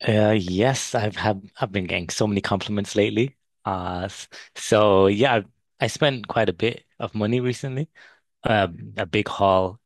Yes, I've been getting so many compliments lately. Uh, s- so yeah, I spent quite a bit of money recently. A big haul,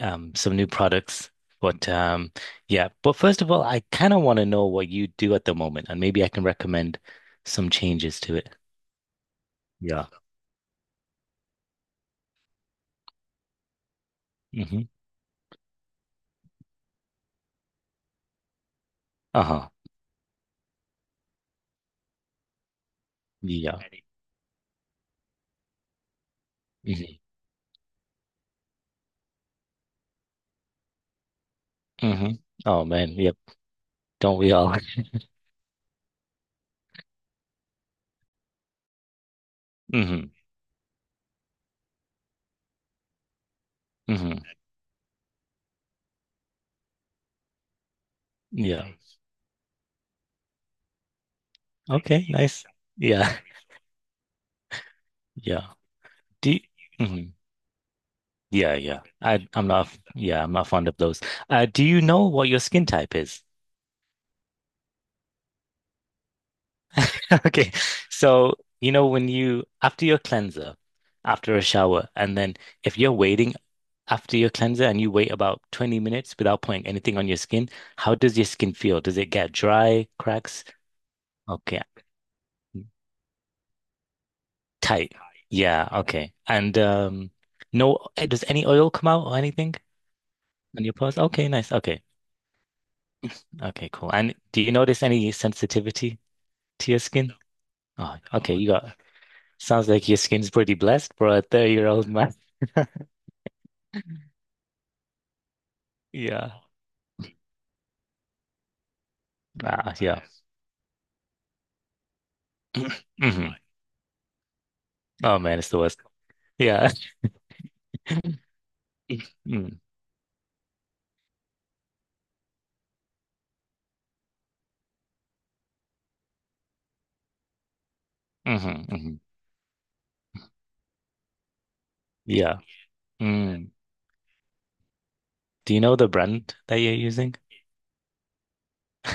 some new products. But Yeah. But first of all, I kind of want to know what you do at the moment, and maybe I can recommend some changes to it. Yeah. Mm-hmm. Uh-huh. Yeah. Mm-hmm. Mm-hmm. Oh man. Yep. Don't we all? Mm-hmm. Mm-hmm. Yeah. Okay. Nice. Yeah. Yeah. Do. Mm-hmm. Yeah, yeah. I'm not fond of those. Do you know what your skin type is? Okay. So, when you after your cleanser, after a shower, and then if you're waiting after your cleanser and you wait about 20 minutes without putting anything on your skin, how does your skin feel? Does it get dry, cracks? Okay. Tight. Yeah, okay. And no eh, does any oil come out or anything on your pores? Okay, nice. Okay. Okay, cool. And do you notice any sensitivity to your skin? Oh, okay. Oh, you got sounds like your skin's pretty blessed for a 30-year-old man. Yeah. Ah, yeah. hmm Oh man, it's the worst. Yeah. Mm, mhm, mhm. Yeah. Mm. Do you know the brand that you're using?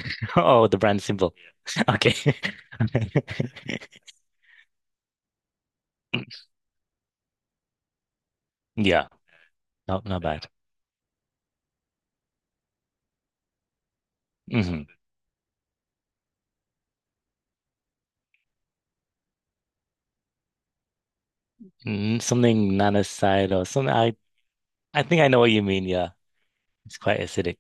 Oh, the brand symbol. Okay. Yeah. Not yeah, bad. Hmm Mm, something nanoside or something. I think I know what you mean. Yeah. It's quite acidic.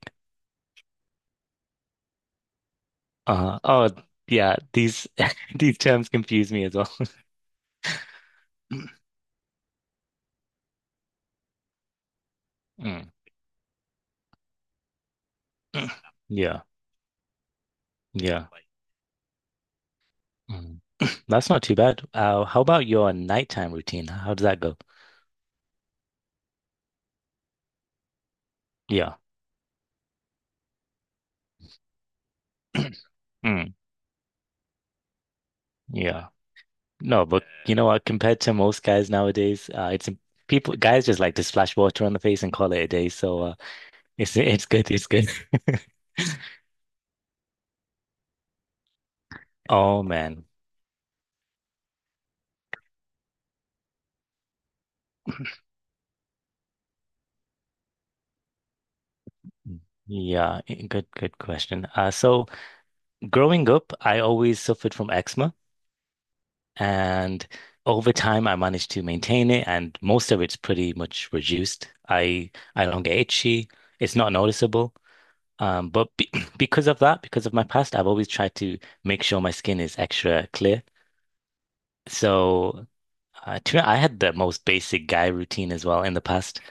Oh yeah. These these terms confuse me as well. Mm. Yeah. Yeah. Like, Mm. That's not too bad. How about your nighttime routine? How does that go? Yeah. Mm. Yeah. No, but you know what? Compared to most guys nowadays, it's people guys just like to splash water on the face and call it a day. So it's good. It's good. Oh man. Yeah, good good question. So growing up, I always suffered from eczema. And over time, I managed to maintain it, and most of it's pretty much reduced. I don't get itchy. It's not noticeable. But be because of that, because of my past, I've always tried to make sure my skin is extra clear. So I had the most basic guy routine as well in the past.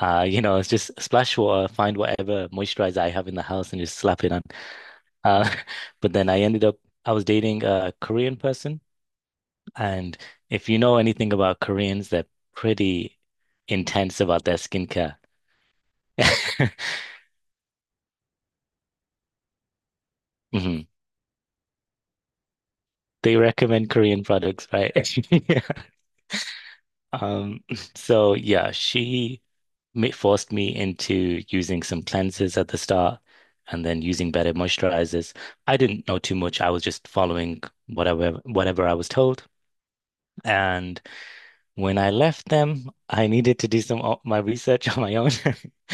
You know, it's just splash water, find whatever moisturizer I have in the house, and just slap it on. Uh, but then I was dating a Korean person. And if you know anything about Koreans, they're pretty intense about their skincare. Mhm. They recommend Korean products, right? Yeah. Um, so yeah, she forced me into using some cleansers at the start and then using better moisturizers. I didn't know too much. I was just following whatever I was told. And when I left them, I needed to do some my research on my own.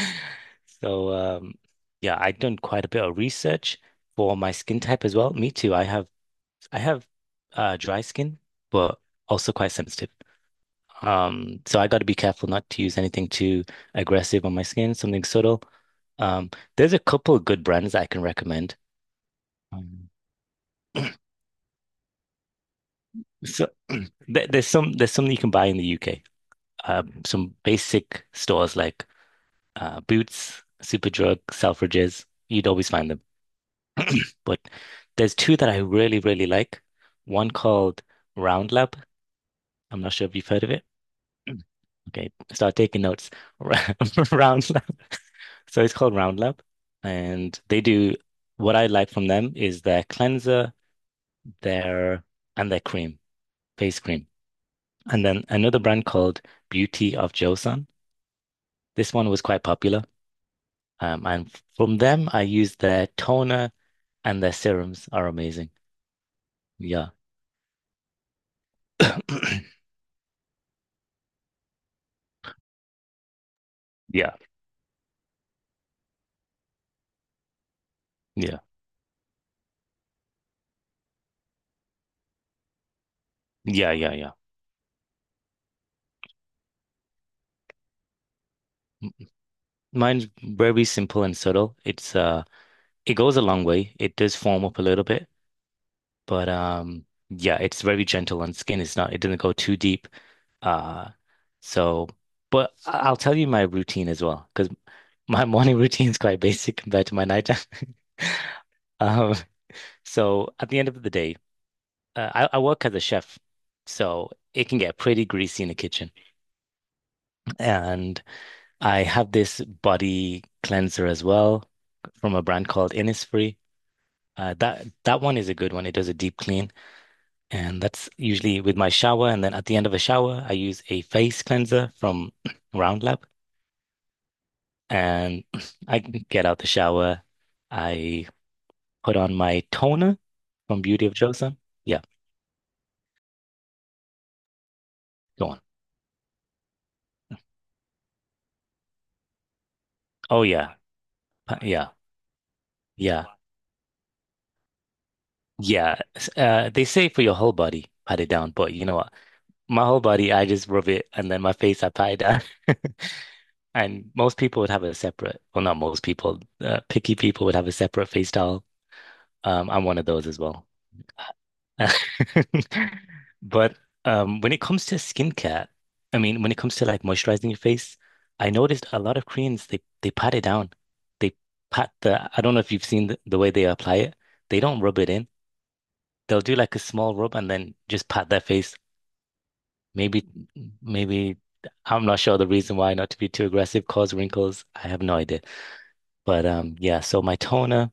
So, yeah, I'd done quite a bit of research for my skin type as well. Me too. I have dry skin, but also quite sensitive. So I got to be careful not to use anything too aggressive on my skin, something subtle. Um, there's a couple of good brands that I can recommend. Um, so there's some that you can buy in the UK. Some basic stores like Boots, Superdrug, Selfridges. You'd always find them. But there's two that I really, really like. One called Round Lab. I'm not sure if you've heard of it. Okay, start taking notes. Round Lab. So it's called Round Lab, and they do what I like from them is their cleanser, their and their cream, face cream. And then another brand called Beauty of Joseon. This one was quite popular. And from them, I used their toner, and their serums are amazing. Yeah. Yeah. Yeah. Yeah. Yeah. Yeah. M- Mine's very simple and subtle. It's it goes a long way. It does foam up a little bit, but yeah, it's very gentle on skin. It doesn't go too deep. Uh so but I'll tell you my routine as well, because my morning routine is quite basic compared to my nighttime. Um, so at the end of the day, I work as a chef, so it can get pretty greasy in the kitchen. And I have this body cleanser as well from a brand called Innisfree. That that one is a good one. It does a deep clean, and that's usually with my shower. And then at the end of a shower, I use a face cleanser from Roundlab, and I get out the shower. I put on my toner from Beauty of Joseon. Yeah, go on. Oh yeah, yeah, yeah, yeah. They say for your whole body, pat it down, but you know my whole body, I just rub it, and then my face, I pat it down. And most people would have a separate, well, not most people, picky people would have a separate face towel. I'm one of those as well. But when it comes to skincare, I mean, when it comes to like moisturizing your face, I noticed a lot of Koreans they pat it down. They pat the, I don't know if you've seen the way they apply it. They don't rub it in. They'll do like a small rub and then just pat their face. Maybe, maybe I'm not sure the reason why, not to be too aggressive, cause wrinkles. I have no idea. But yeah. So my toner,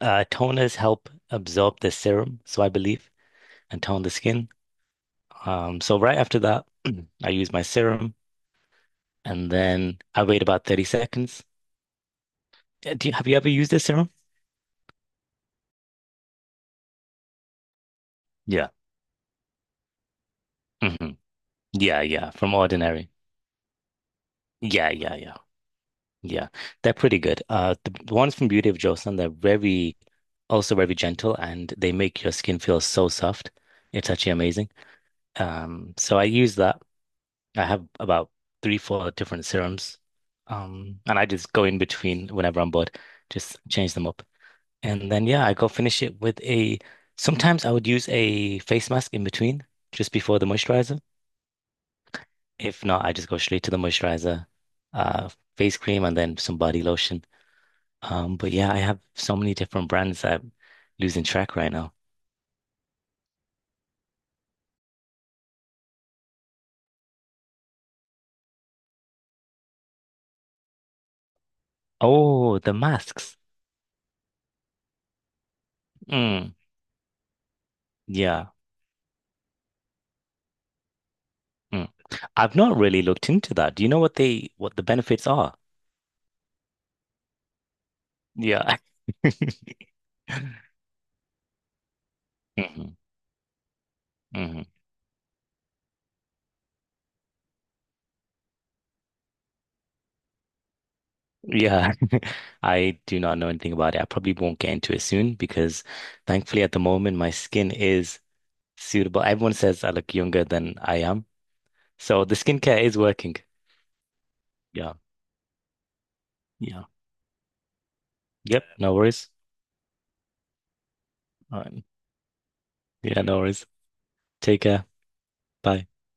toners help absorb the serum, so I believe, and tone the skin. So right after that, I use my serum, and then I wait about 30 seconds. Have you ever used this serum? Yeah. hmm Yeah, yeah. From Ordinary. Yeah, yeah, yeah. Yeah, they're pretty good. The ones from Beauty of Joseon, they're very, also very gentle, and they make your skin feel so soft. It's actually amazing. So I use that. I have about three, four different serums, and I just go in between whenever I'm bored, just change them up, and then yeah, I go finish it with a. Sometimes I would use a face mask in between, just before the moisturizer. If not, I just go straight to the moisturizer, uh, face cream, and then some body lotion. But yeah, I have so many different brands that I'm losing track right now. Oh, the masks. Mm, yeah. Mm. I've not really looked into that. Do you know what they what the benefits are? Yeah. hmm hmm Yeah, I do not know anything about it. I probably won't get into it soon because thankfully at the moment my skin is suitable. Everyone says I look younger than I am. So the skincare is working. Yeah. Yeah. Yep. No worries. All right. Yeah, no worries. Take care. Bye.